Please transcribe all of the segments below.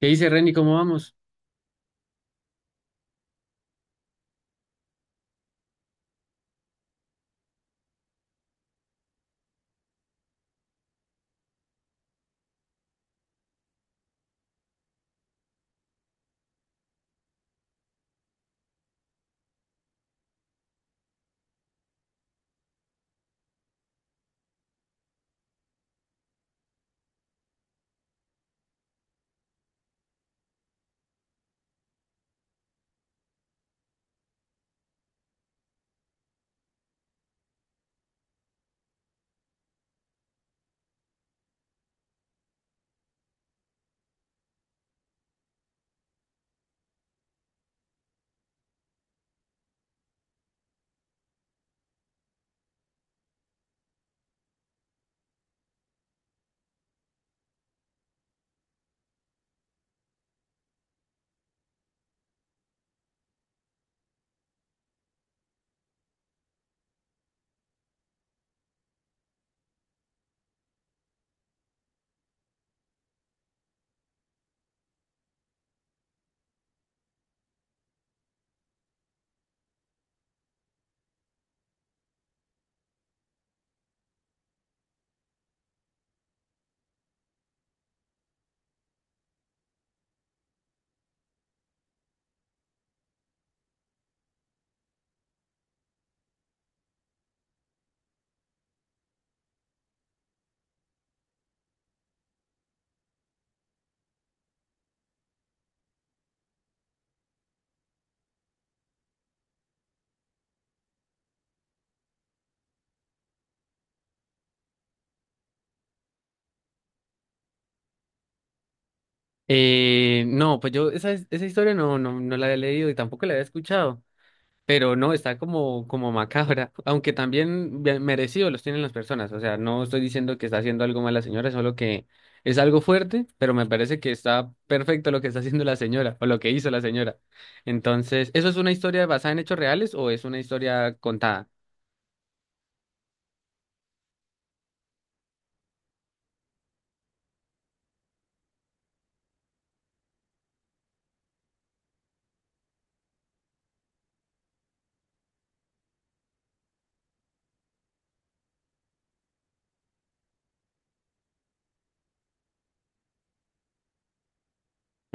¿Qué dice Renny? ¿Cómo vamos? No, pues yo esa historia no la había leído y tampoco la había escuchado, pero no, está como macabra, aunque también bien merecido los tienen las personas, o sea, no estoy diciendo que está haciendo algo mal la señora, solo que es algo fuerte, pero me parece que está perfecto lo que está haciendo la señora o lo que hizo la señora. Entonces, ¿eso es una historia basada en hechos reales o es una historia contada?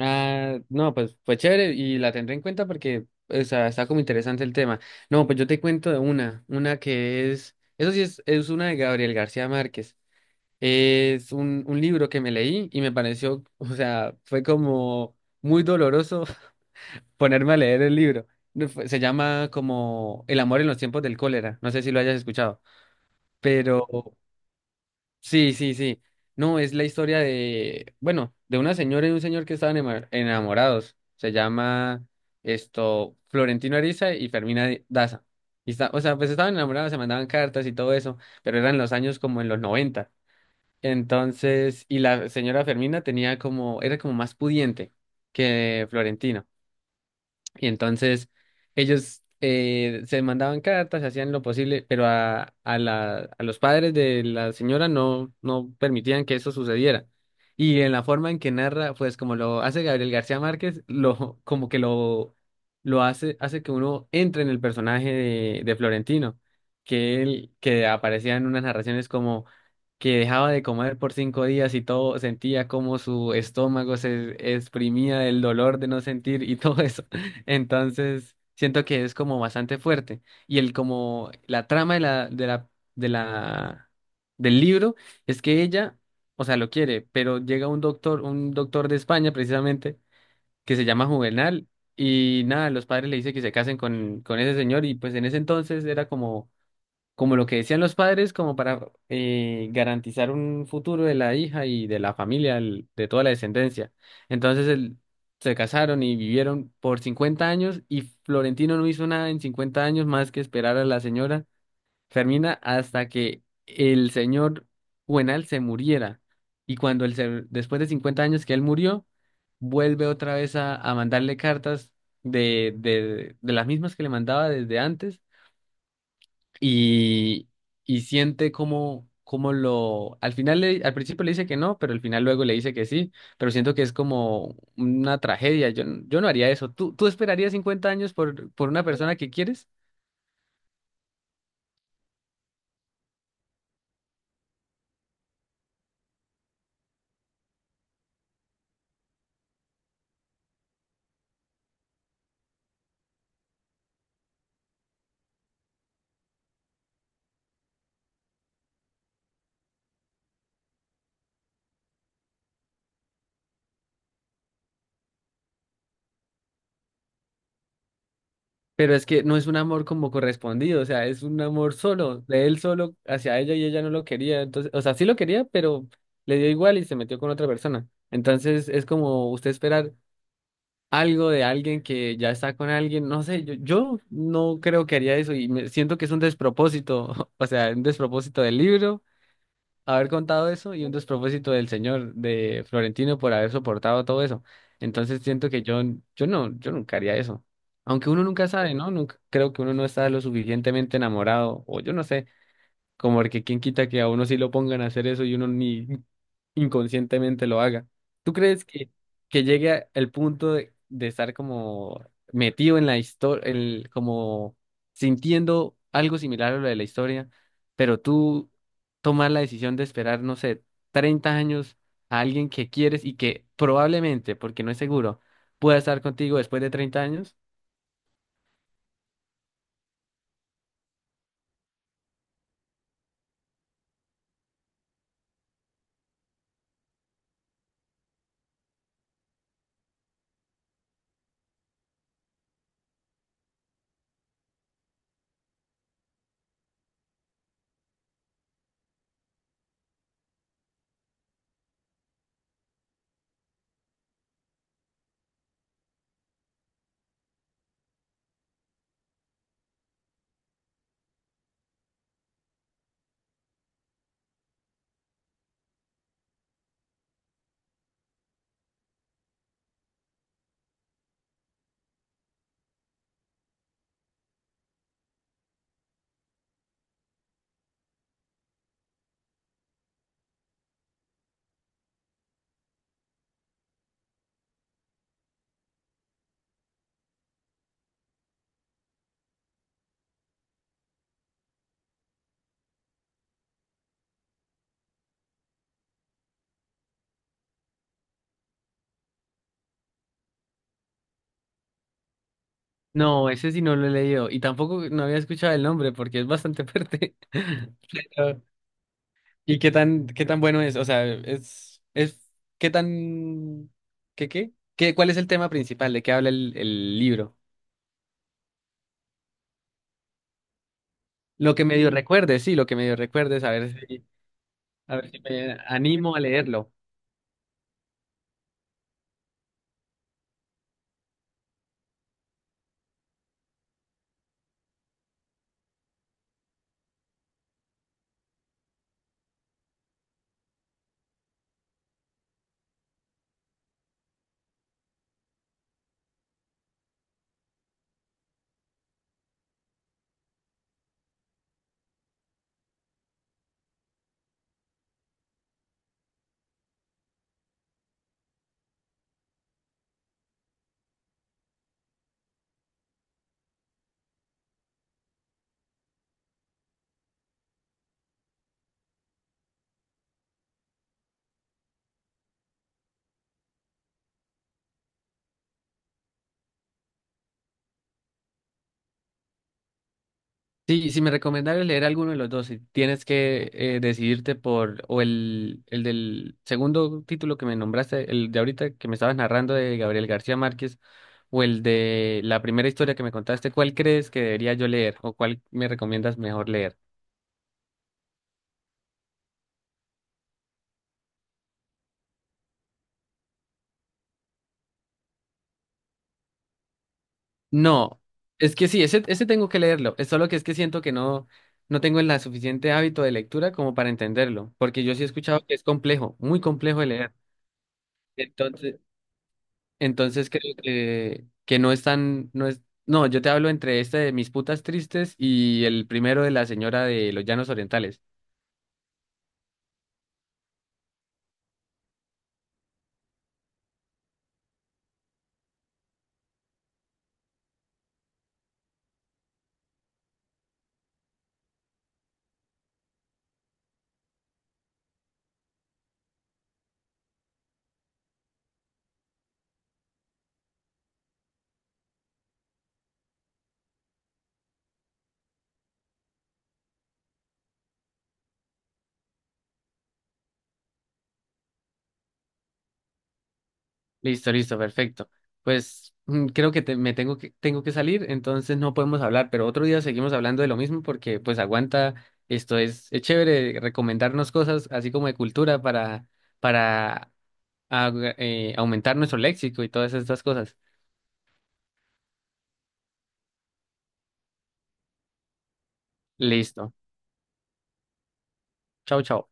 Ah, no, pues fue chévere y la tendré en cuenta porque o sea, está como interesante el tema. No, pues yo te cuento de una que es, eso sí es una de Gabriel García Márquez. Es un libro que me leí y me pareció, o sea, fue como muy doloroso ponerme a leer el libro. No fue- Se llama como El amor en los tiempos del cólera, no sé si lo hayas escuchado, pero sí, sí. No, es la historia de, bueno, de una señora y un señor que estaban enamorados. Se llama esto Florentino Ariza y Fermina Daza. Y está, o sea, pues estaban enamorados, se mandaban cartas y todo eso, pero eran los años como en los 90. Entonces, y la señora Fermina tenía como, era como más pudiente que Florentino. Y entonces ellos se mandaban cartas, hacían lo posible, pero a los padres de la señora no permitían que eso sucediera. Y en la forma en que narra, pues como lo hace Gabriel García Márquez, lo, como que lo hace, hace que uno entre en el personaje de Florentino, que él, que aparecía en unas narraciones como que dejaba de comer por 5 días y todo sentía como su estómago se exprimía del dolor de no sentir y todo eso. Entonces, siento que es como bastante fuerte. Y el como la trama de la, del libro es que ella, o sea, lo quiere, pero llega un doctor de España precisamente, que se llama Juvenal, y nada, los padres le dicen que se casen con ese señor, y pues en ese entonces era como como lo que decían los padres, como para garantizar un futuro de la hija y de la familia, de toda la descendencia. Entonces el- Se casaron y vivieron por 50 años y Florentino no hizo nada en 50 años más que esperar a la señora Fermina hasta que el señor Juvenal se muriera. Y cuando después de 50 años que él murió, vuelve otra vez a mandarle cartas de las mismas que le mandaba desde antes y, y siente como, como lo, al final, al principio le dice que no, pero al final luego le dice que sí, pero siento que es como una tragedia, yo, yo no haría eso. ¿Tú, tú esperarías 50 años por una persona que quieres? Pero es que no es un amor como correspondido, o sea, es un amor solo, de él solo hacia ella y ella no lo quería, entonces, o sea, sí lo quería, pero le dio igual y se metió con otra persona. Entonces es como usted esperar algo de alguien que ya está con alguien, no sé, yo no creo que haría eso y me siento que es un despropósito, o sea, un despropósito del libro haber contado eso y un despropósito del señor de Florentino por haber soportado todo eso. Entonces siento que yo nunca haría eso. Aunque uno nunca sabe, ¿no? Nunca, creo que uno no está lo suficientemente enamorado, o yo no sé. Como que quién quita que a uno sí lo pongan a hacer eso y uno ni inconscientemente lo haga. ¿Tú crees que el punto de estar como metido en la historia, el, como sintiendo algo similar a lo de la historia, pero tú tomas la decisión de esperar, no sé, 30 años a alguien que quieres y que probablemente, porque no es seguro, pueda estar contigo después de 30 años? No, ese sí no lo he leído y tampoco no había escuchado el nombre porque es bastante fuerte. Pero ¿y qué tan bueno es? O sea, es, ¿qué tan, qué, qué? ¿Qué, cuál es el tema principal? ¿De qué habla el libro? Lo que medio recuerde, sí, lo que medio recuerde, a ver si me animo a leerlo. Sí, si me recomendaras leer alguno de los dos, si tienes que decidirte por, o el del segundo título que me nombraste, el de ahorita que me estabas narrando de Gabriel García Márquez, o el de la primera historia que me contaste, ¿cuál crees que debería yo leer o cuál me recomiendas mejor leer? No, es que sí, ese tengo que leerlo, es solo que es que siento que no, no tengo el la suficiente hábito de lectura como para entenderlo, porque yo sí he escuchado que es complejo, muy complejo de leer. Entonces... Entonces creo que no es tan, no es, no, yo te hablo entre este de Mis putas tristes y el primero de la señora de los Llanos Orientales. Listo, listo, perfecto. Pues mm, creo que me tengo que salir, entonces no podemos hablar, pero otro día seguimos hablando de lo mismo porque pues aguanta, esto es chévere recomendarnos cosas así como de cultura para ah, aumentar nuestro léxico y todas estas cosas. Listo. Chao, chao.